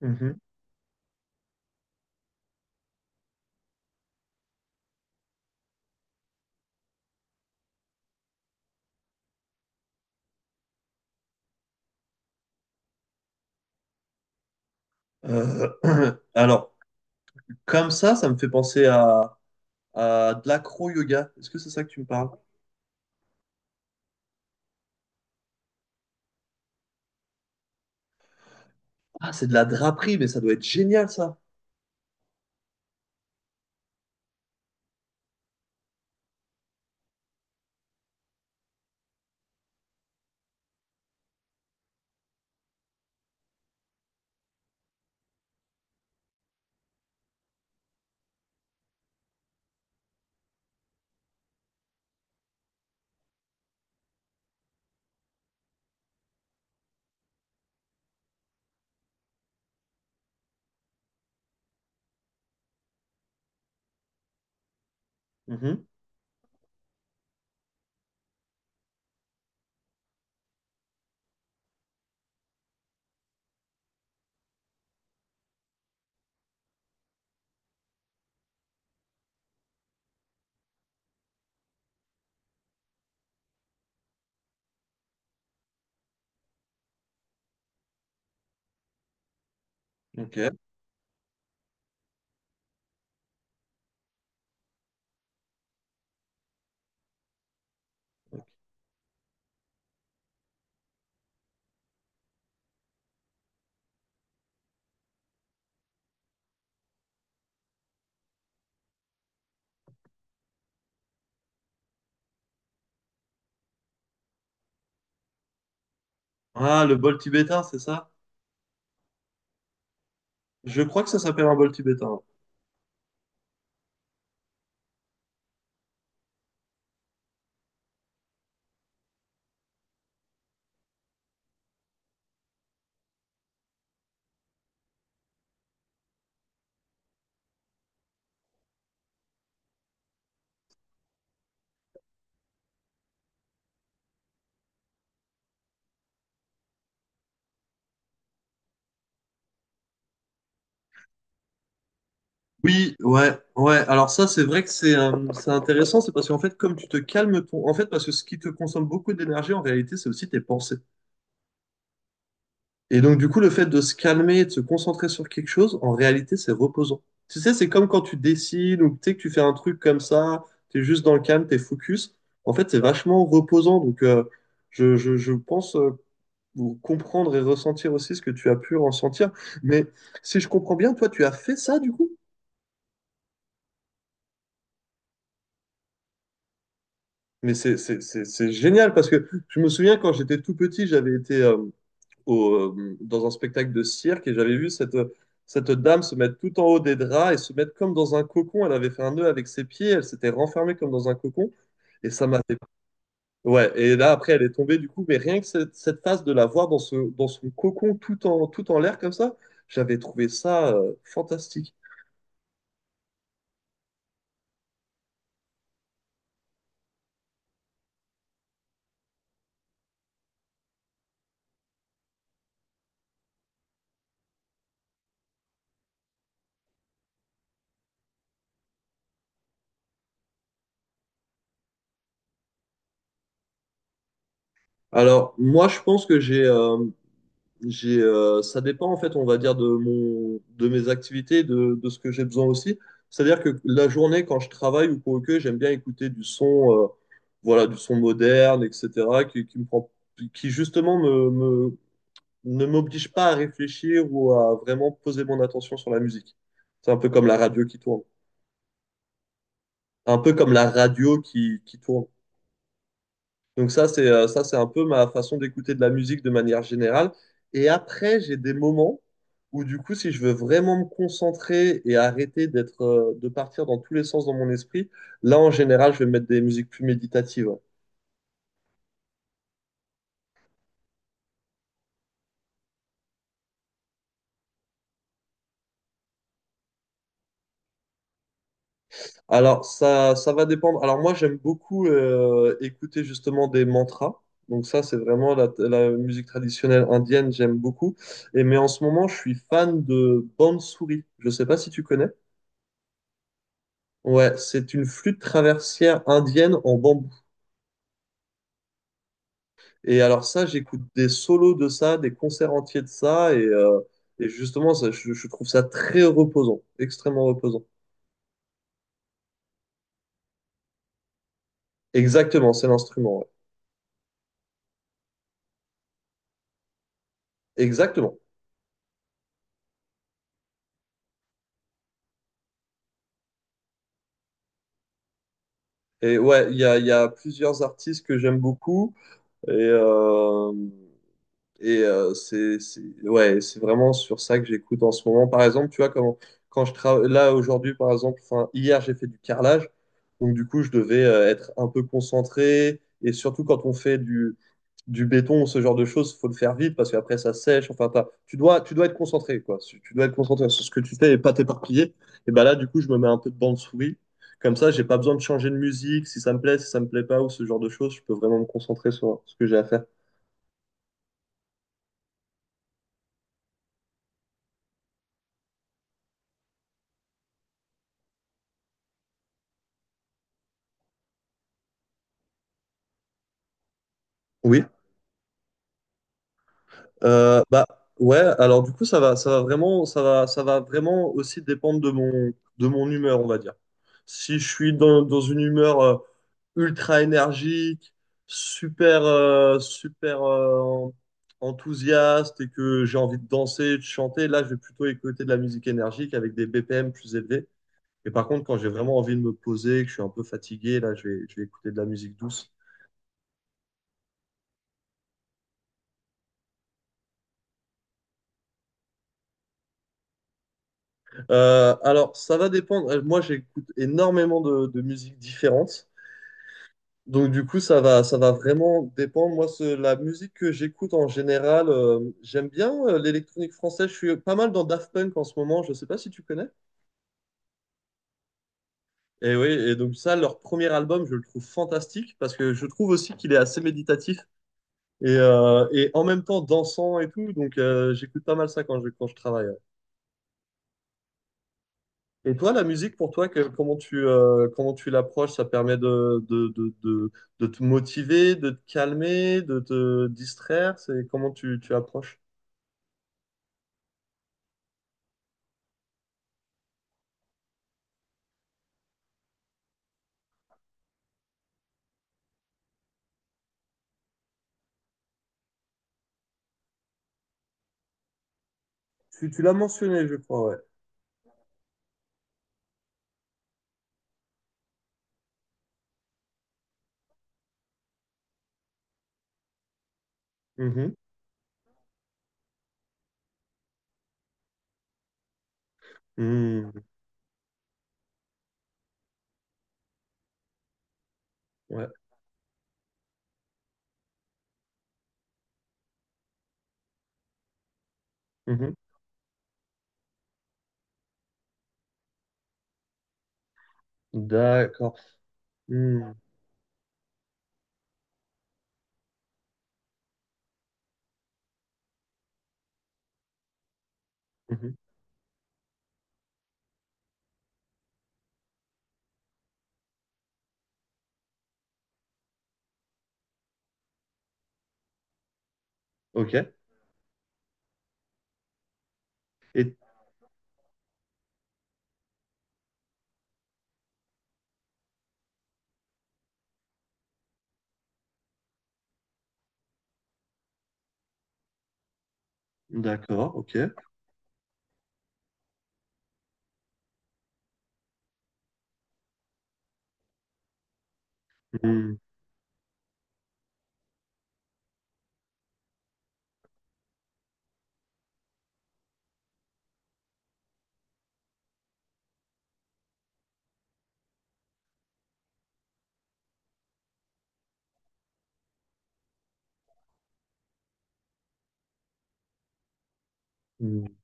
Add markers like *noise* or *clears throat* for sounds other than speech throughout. Mhm. Euh, *clears throat* alors, comme ça me fait penser à de l'acro-yoga. Est-ce que c'est ça que tu me parles? Ah, c'est de la draperie, mais ça doit être génial, ça. Mhm. Ok. Ah, le bol tibétain, c'est ça? Je crois que ça s'appelle un bol tibétain. Oui, ouais, ouais. Alors ça, c'est vrai que c'est intéressant, c'est parce qu'en fait, comme tu te calmes ton... En fait, parce que ce qui te consomme beaucoup d'énergie, en réalité, c'est aussi tes pensées. Et donc, du coup, le fait de se calmer et de se concentrer sur quelque chose, en réalité, c'est reposant. Tu sais, c'est comme quand tu dessines ou tu sais, que tu fais un truc comme ça, tu es juste dans le calme, tu es focus. En fait, c'est vachement reposant. Donc, je pense comprendre et ressentir aussi ce que tu as pu ressentir. Mais si je comprends bien, toi, tu as fait ça, du coup. Mais c'est génial parce que je me souviens quand j'étais tout petit, j'avais été... dans un spectacle de cirque et j'avais vu cette, cette dame se mettre tout en haut des draps et se mettre comme dans un cocon. Elle avait fait un nœud avec ses pieds, elle s'était renfermée comme dans un cocon et ça m'a fait. Ouais, et là après elle est tombée du coup, mais rien que cette, cette phase de la voir dans, ce, dans son cocon tout en, tout en l'air comme ça, j'avais trouvé ça fantastique. Alors, moi, je pense que ça dépend en fait, on va dire, de mon, de mes activités, de ce que j'ai besoin aussi. C'est-à-dire que la journée, quand je travaille ou quoi que, j'aime bien écouter du son, voilà, du son moderne, etc., qui me prend, qui justement ne m'oblige pas à réfléchir ou à vraiment poser mon attention sur la musique. C'est un peu comme la radio qui tourne. Un peu comme la radio qui tourne. Donc ça, c'est un peu ma façon d'écouter de la musique de manière générale. Et après, j'ai des moments où du coup, si je veux vraiment me concentrer et arrêter d'être, de partir dans tous les sens dans mon esprit, là, en général, je vais mettre des musiques plus méditatives. Alors, ça va dépendre. Alors moi, j'aime beaucoup écouter justement des mantras. Donc ça, c'est vraiment la, la musique traditionnelle indienne, j'aime beaucoup. Et mais en ce moment, je suis fan de Bansuri. Je ne sais pas si tu connais. Ouais, c'est une flûte traversière indienne en bambou. Et alors ça, j'écoute des solos de ça, des concerts entiers de ça, et justement, ça, je trouve ça très reposant, extrêmement reposant. Exactement, c'est l'instrument, ouais. Exactement. Et ouais, il y a plusieurs artistes que j'aime beaucoup, et, euh, Et ouais, c'est vraiment sur ça que j'écoute en ce moment. Par exemple, tu vois, quand, quand je travaille là aujourd'hui, par exemple, enfin, hier, j'ai fait du carrelage. Donc, du coup, je devais être un peu concentré. Et surtout, quand on fait du béton ou ce genre de choses, il faut le faire vite parce qu'après, ça sèche. Enfin, tu dois être concentré, quoi. Tu dois être concentré sur ce que tu fais et pas t'éparpiller. Et ben là, du coup, je me mets un peu de bande souris. Comme ça, j'ai pas besoin de changer de musique. Si ça me plaît, si ça me plaît pas ou ce genre de choses, je peux vraiment me concentrer sur ce que j'ai à faire. Oui. Bah ouais, alors du coup ça va vraiment aussi dépendre de mon humeur, on va dire. Si je suis dans, dans une humeur ultra énergique, super, super enthousiaste et que j'ai envie de danser, de chanter, là je vais plutôt écouter de la musique énergique avec des BPM plus élevés. Et par contre, quand j'ai vraiment envie de me poser, que je suis un peu fatigué, là je vais écouter de la musique douce. Alors, ça va dépendre. Moi, j'écoute énormément de musiques différentes. Donc, du coup, ça va vraiment dépendre. Moi, la musique que j'écoute en général, j'aime bien l'électronique française. Je suis pas mal dans Daft Punk en ce moment. Je sais pas si tu connais. Et oui, et donc ça, leur premier album, je le trouve fantastique parce que je trouve aussi qu'il est assez méditatif et en même temps dansant et tout. Donc, j'écoute pas mal ça quand je travaille, hein. Et toi, la musique, pour toi, comment tu l'approches? Ça permet de te motiver, de te calmer, de te distraire? C'est comment tu, tu approches? Tu l'as mentionné, je crois, ouais. Mhm. Mhm. Ouais. Mhm. D'accord. Mhm. Mhm. Ok. Et d'accord, ok. Mhm. Mhm.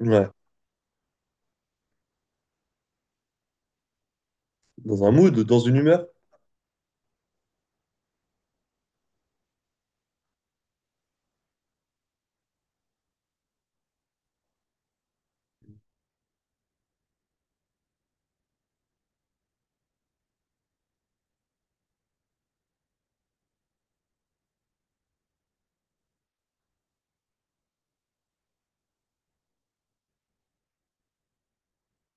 Ouais. Dans un mood, dans une humeur?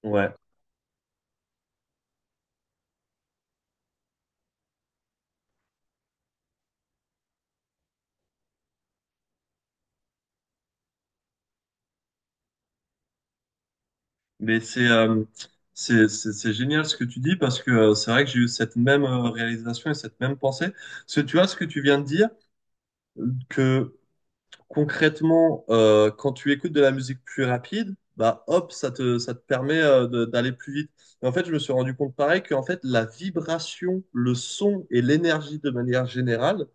Ouais. Mais c'est c'est génial ce que tu dis parce que c'est vrai que j'ai eu cette même réalisation et cette même pensée. Parce que tu vois ce que tu viens de dire, que concrètement, quand tu écoutes de la musique plus rapide, bah hop, ça te permet d'aller plus vite. Et en fait, je me suis rendu compte pareil qu'en fait la vibration, le son et l'énergie de manière générale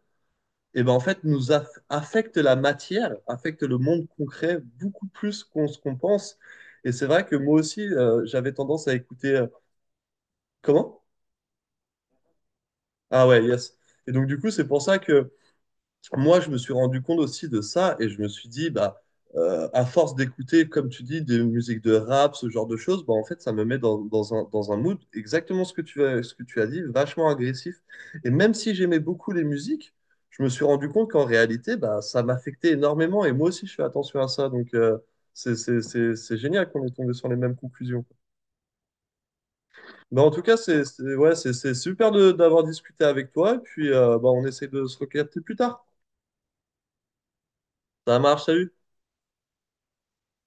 et ben en fait affecte la matière, affecte le monde concret beaucoup plus qu'on ce qu'on pense. Et c'est vrai que moi aussi, j'avais tendance à écouter. Euh, comment? Ah ouais, yes. Et donc du coup, c'est pour ça que moi, je me suis rendu compte aussi de ça et je me suis dit, bah, à force d'écouter, comme tu dis, des musiques de rap, ce genre de choses, bah, en fait, ça me met dans, dans un mood exactement ce que tu as, ce que tu as dit, vachement agressif. Et même si j'aimais beaucoup les musiques, je me suis rendu compte qu'en réalité, bah, ça m'affectait énormément et moi aussi, je fais attention à ça. Donc, c'est génial qu'on ait tombé sur les mêmes conclusions. Bah, en tout cas, ouais, c'est super d'avoir discuté avec toi et puis bah, on essaie de se recapter plus tard. Ça marche, salut!